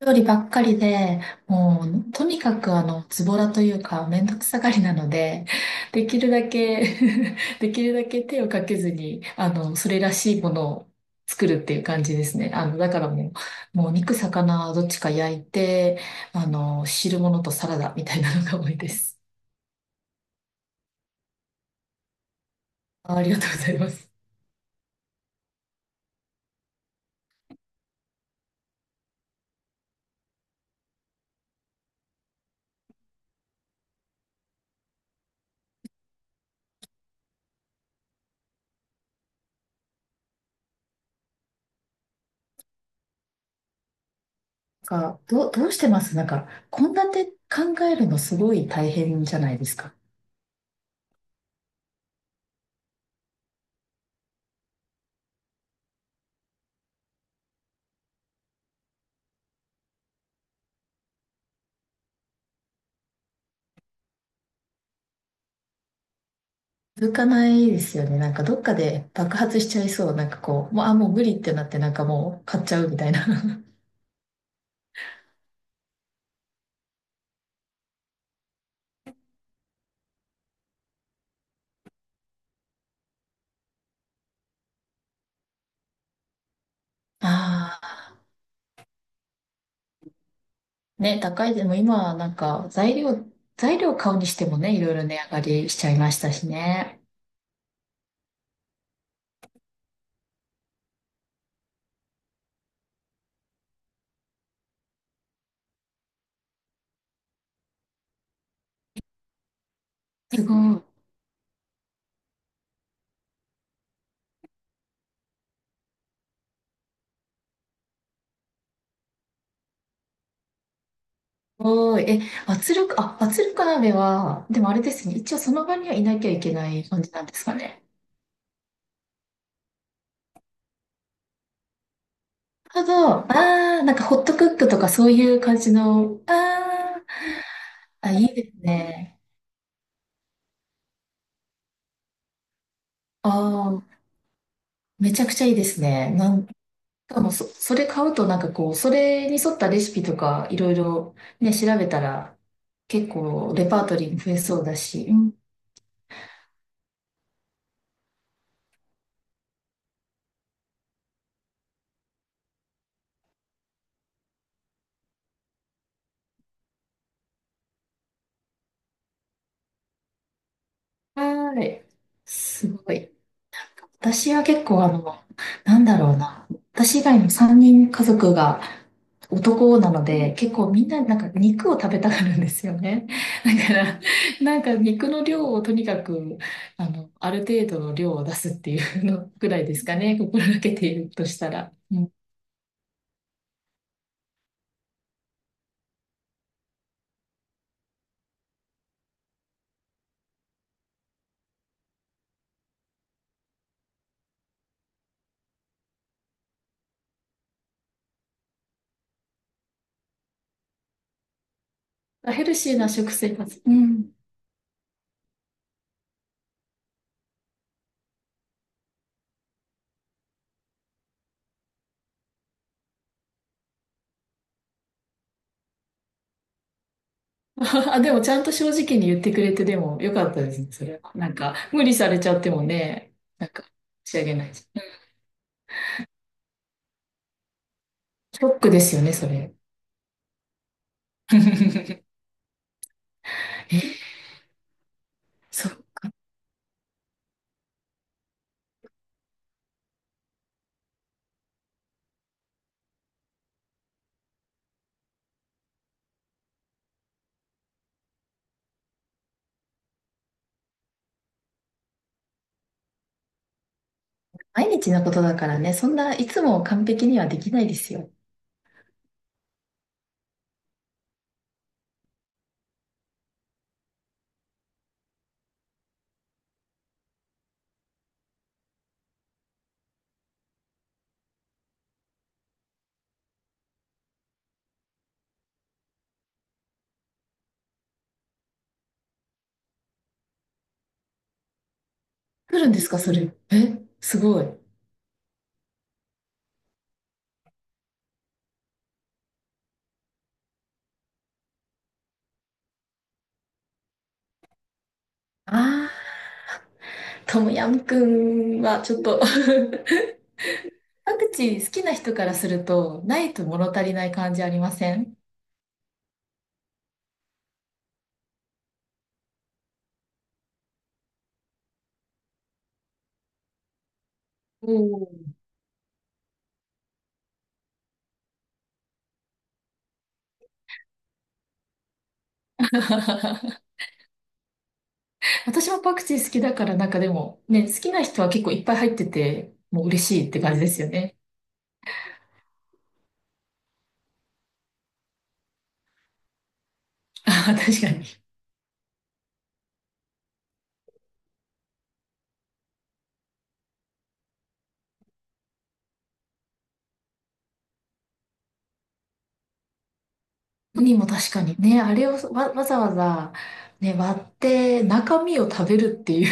料理ばっかりで、もう、とにかく、ズボラというか、めんどくさがりなので、できるだけ できるだけ手をかけずに、それらしいものを作るっていう感じですね。あの、だからもう、もう肉、魚、どっちか焼いて、汁物とサラダみたいなのが多いです。あ、ありがとうございます。どうしてます献立考えるのすごい大変じゃないですか？続かないですよね。なんかどっかで爆発しちゃいそう。もう無理ってなって、なんかもう買っちゃうみたいな。ああ、ね、高い。でも今はなんか材料買うにしてもね、いろいろ値上がりしちゃいましたしね。すごい。すごい。え、圧力鍋は、でもあれですね、一応その場にはいなきゃいけない感じなんですかね。なるほど。ああ、なんかホットクックとかそういう感じの、ああ、あ、いいですね。ああ、めちゃくちゃいいですね。なんしかもそ、それ買うとなんかこう、それに沿ったレシピとかいろいろね、調べたら結構レパートリーも増えそうだし。うん、はーい。すごい。私は結構、なんだろうな。私以外の3人家族が男なので、結構みんななんか肉を食べたがるんですよね。だから、なんか肉の量をとにかく、ある程度の量を出すっていうのくらいですかね。心がけているとしたら。あ、ヘルシーな食生活。うん。あ、でもちゃんと正直に言ってくれて、でもよかったですね、それは。なんか、無理されちゃってもね、なんか、仕上げないし。うん。ショックですよね、それ。え、そう。毎日のことだからね、そんないつも完璧にはできないですよ。来るんですか、それ？え、すごい。ああ、トムヤムくんはちょっと パクチー好きな人からすると、ないと物足りない感じありません？おー 私もパクチー好きだから、なんかでも、ね、好きな人は結構いっぱい入ってて、もう嬉しいって感じですよね。あー、確かに。ウニも確かにね、あれをわ、わざわざ、ね、割って中身を食べるってい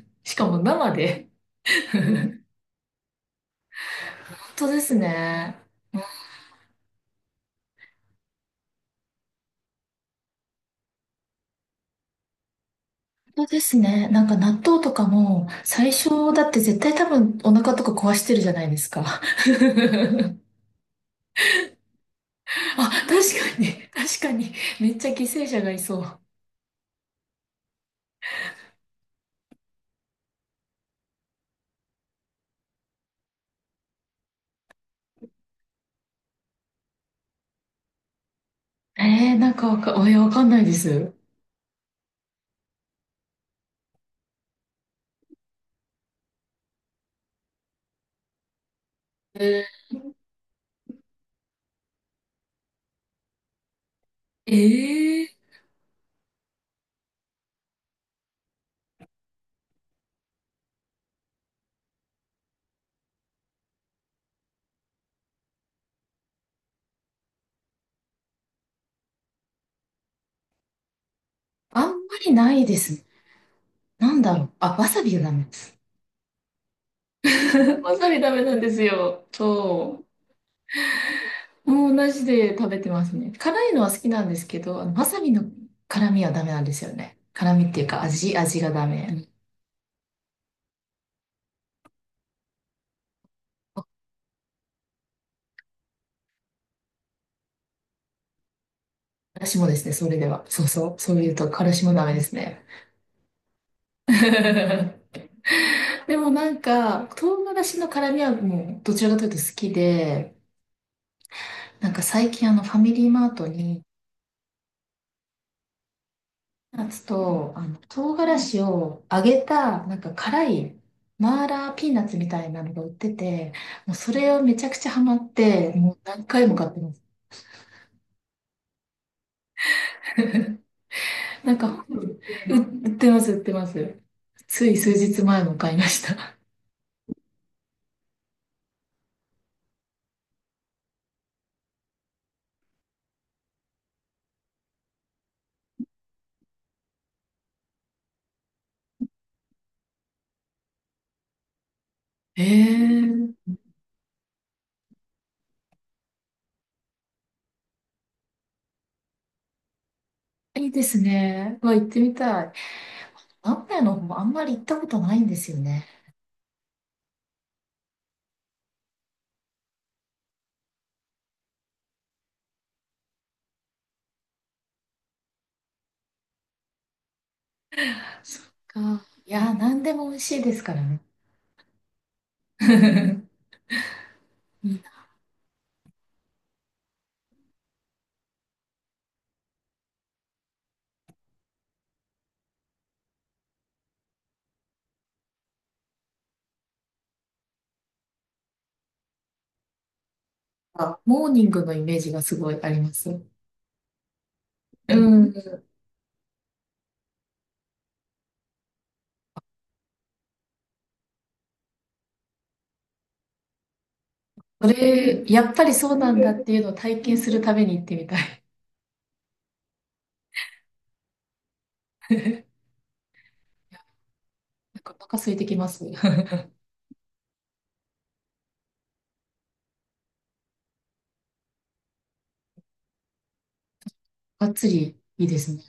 う しかも生で。本当ですね。本当ですね。なんか納豆とかも、最初だって絶対多分お腹とか壊してるじゃないですか。あ、確確かに。めっちゃ犠牲者がいそう。えー、なんかわか、えー、わかんないです。えー、えー、あんまりないです。なんだろう。あ、わさびがダメです。わさびダメなんですよ。そう。もう同じで食べてますね。辛いのは好きなんですけど、あのわさびの辛みはダメなんですよね。辛みっていうか、味がダメ。うん、私もですね、それでは。そうそう。そう言うと、辛子もダメですね。でもなんか、唐辛子の辛みはもう、どちらかというと好きで、なんか最近あのファミリーマートにナッツと、あの、唐辛子を揚げた、なんか辛い、マーラーピーナッツみたいなのが売ってて、もうそれをめちゃくちゃハマって、もう何回も買ってます。なんか、う売ってます、売ってます。つい数日前も買いました。えー、いいですね。うわ、行ってみたい。名古屋の方もあんまり行ったことないんですよね。そっか。いやー、何でも美味しいですからね。なんかモーニングのイメージがすごいあります。うん。それ、やっぱりそうなんだっていうのを体験するために行ってみたい。なんかお腹空いてきます。がっつりいいですね。